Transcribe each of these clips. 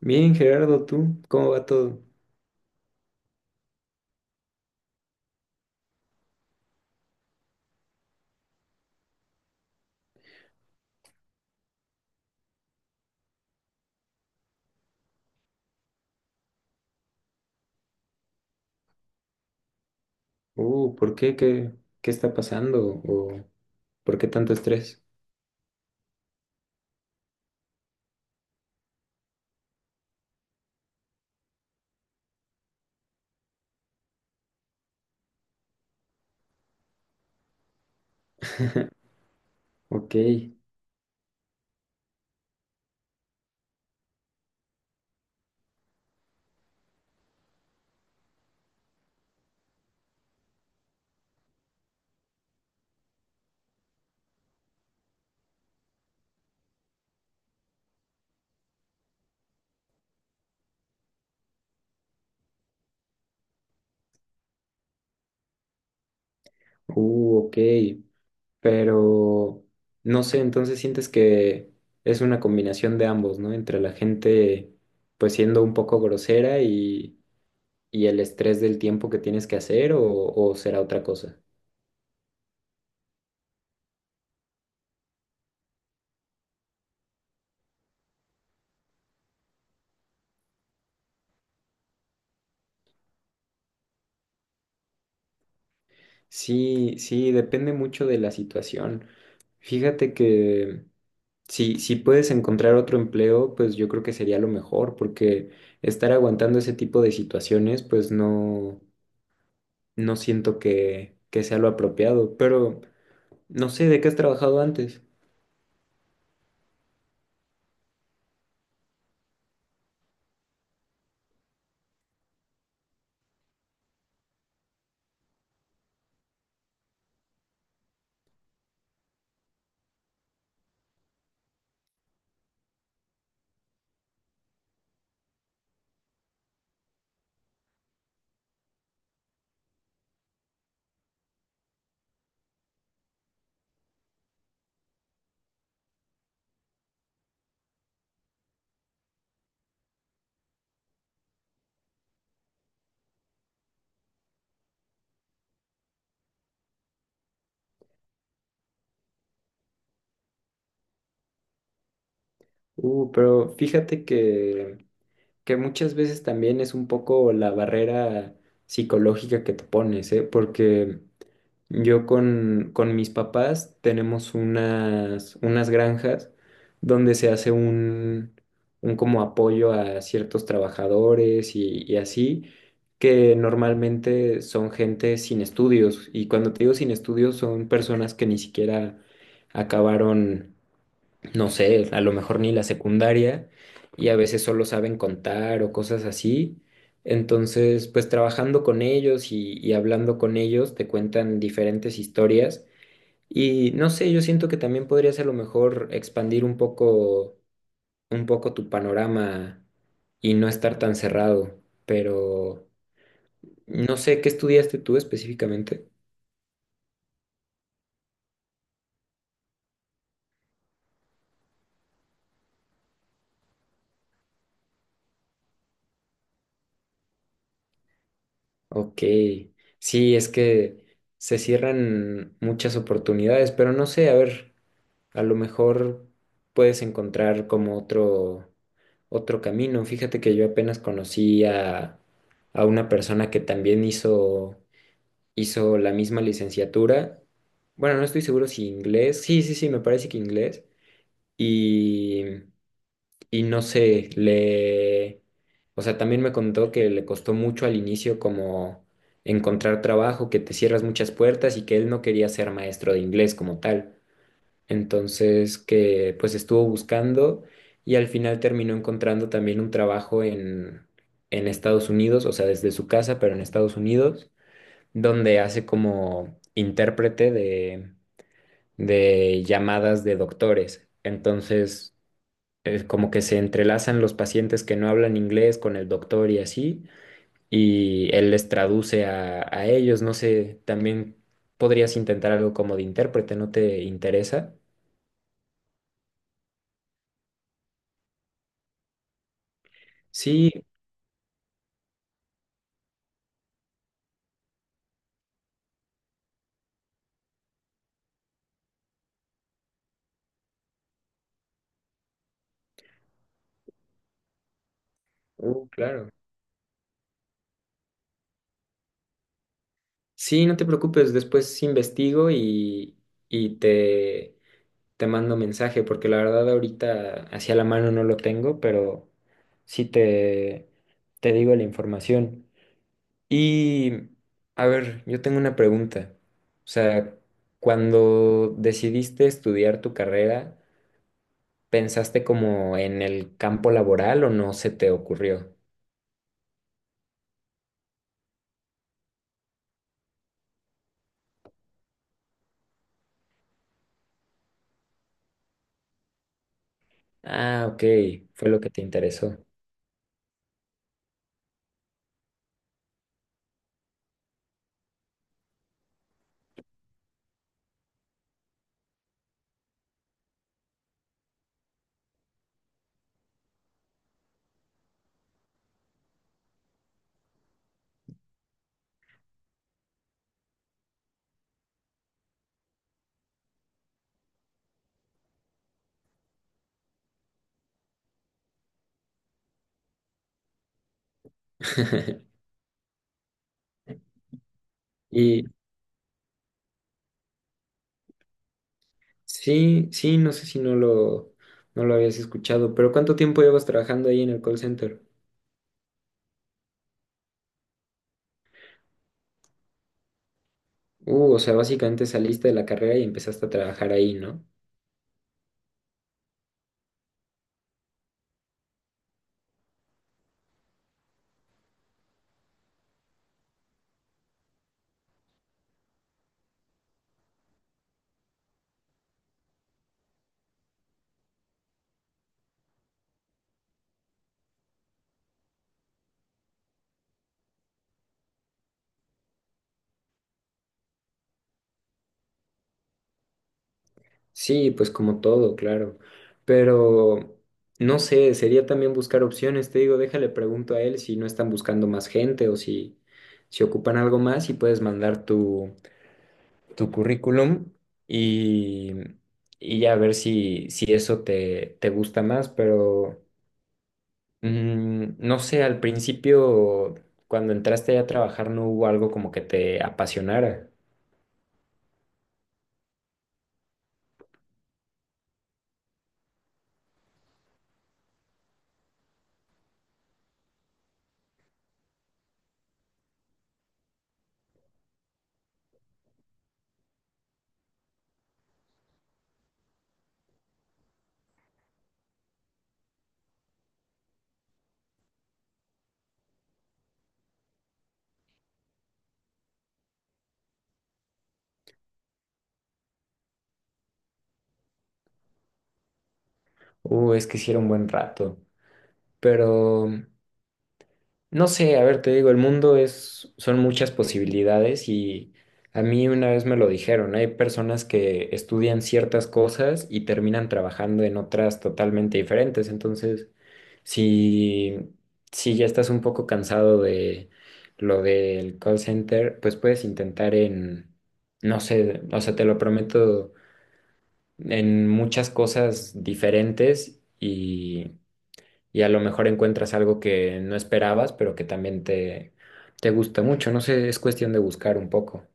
Bien, Gerardo, ¿tú cómo va todo? ¿Por qué? ¿Qué está pasando? ¿O por qué tanto estrés? Ok, ok, pero no sé, entonces sientes que es una combinación de ambos, ¿no? Entre la gente pues siendo un poco grosera y el estrés del tiempo que tienes que hacer o será otra cosa. Sí, sí, depende mucho de la situación. Fíjate que... Si puedes encontrar otro empleo, pues yo creo que sería lo mejor, porque estar aguantando ese tipo de situaciones, pues no, no siento que sea lo apropiado. Pero no sé, ¿de qué has trabajado antes? Pero fíjate que muchas veces también es un poco la barrera psicológica que te pones, ¿eh? Porque yo con mis papás tenemos unas granjas donde se hace un como apoyo a ciertos trabajadores y así, que normalmente son gente sin estudios. Y cuando te digo sin estudios son personas que ni siquiera acabaron no sé, a lo mejor ni la secundaria y a veces solo saben contar o cosas así. Entonces, pues trabajando con ellos y hablando con ellos, te cuentan diferentes historias y no sé, yo siento que también podrías a lo mejor expandir un poco tu panorama y no estar tan cerrado, pero no sé, ¿qué estudiaste tú específicamente? Ok, sí, es que se cierran muchas oportunidades, pero no sé, a ver. A lo mejor puedes encontrar como otro, otro camino. Fíjate que yo apenas conocí a una persona que también hizo, hizo la misma licenciatura. Bueno, no estoy seguro si inglés. Sí, sí, sí, me parece que inglés. Y, y no sé, le... O sea, también me contó que le costó mucho al inicio como encontrar trabajo, que te cierras muchas puertas y que él no quería ser maestro de inglés como tal entonces, que pues estuvo buscando y al final terminó encontrando también un trabajo en Estados Unidos, o sea, desde su casa, pero en Estados Unidos, donde hace como intérprete de llamadas de doctores. Entonces, es como que se entrelazan los pacientes que no hablan inglés con el doctor y así, y él les traduce a ellos. No sé, también podrías intentar algo como de intérprete, ¿no te interesa? Sí, claro. Sí, no te preocupes, después investigo y te mando mensaje, porque la verdad ahorita hacia la mano no lo tengo, pero sí te digo la información. Y, a ver, yo tengo una pregunta. O sea, cuando decidiste estudiar tu carrera, ¿pensaste como en el campo laboral o no se te ocurrió? Ah, ok, fue lo que te interesó. Y sí, sí, no sé si no lo, no lo habías escuchado, pero ¿cuánto tiempo llevas trabajando ahí en el call center? O sea, básicamente saliste de la carrera y empezaste a trabajar ahí, ¿no? Sí, pues como todo, claro. Pero no sé, sería también buscar opciones, te digo, déjale pregunto a él si no están buscando más gente o si, si ocupan algo más y puedes mandar tu, tu currículum y, y ya ver si, si eso te, te gusta más, pero. No sé, al principio, cuando entraste a trabajar, no hubo algo como que te apasionara. Es que hiciera un buen rato. Pero, no sé, a ver, te digo, el mundo es, son muchas posibilidades y a mí una vez me lo dijeron, hay personas que estudian ciertas cosas y terminan trabajando en otras totalmente diferentes. Entonces, si, si ya estás un poco cansado de lo del call center, pues puedes intentar en, no sé, o sea, te lo prometo, en muchas cosas diferentes y a lo mejor encuentras algo que no esperabas, pero que también te gusta mucho. No sé, es cuestión de buscar un poco.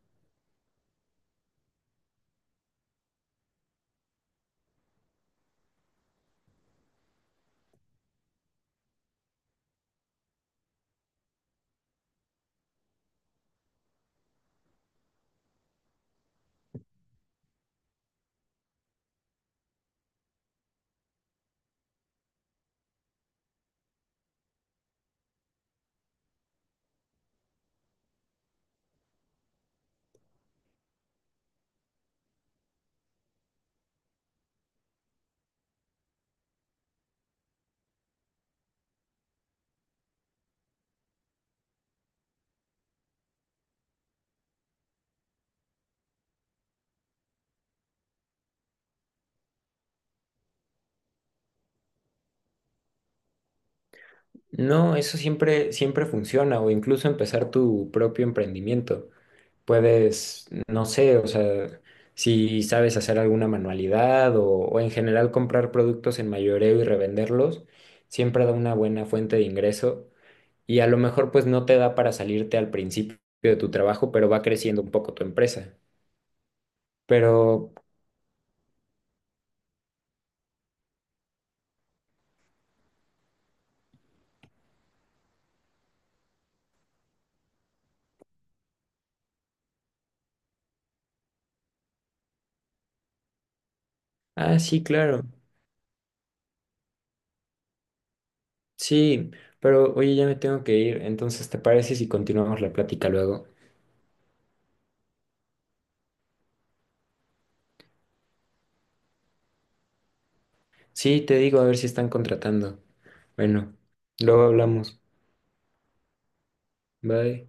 No, eso siempre, siempre funciona, o incluso empezar tu propio emprendimiento. Puedes, no sé, o sea, si sabes hacer alguna manualidad o en general comprar productos en mayoreo y revenderlos, siempre da una buena fuente de ingreso y a lo mejor pues no te da para salirte al principio de tu trabajo, pero va creciendo un poco tu empresa. Pero, ah, sí, claro, sí, pero oye, ya me tengo que ir, entonces ¿te parece si continuamos la plática luego? Sí, te digo, a ver si están contratando. Bueno, luego hablamos. Bye.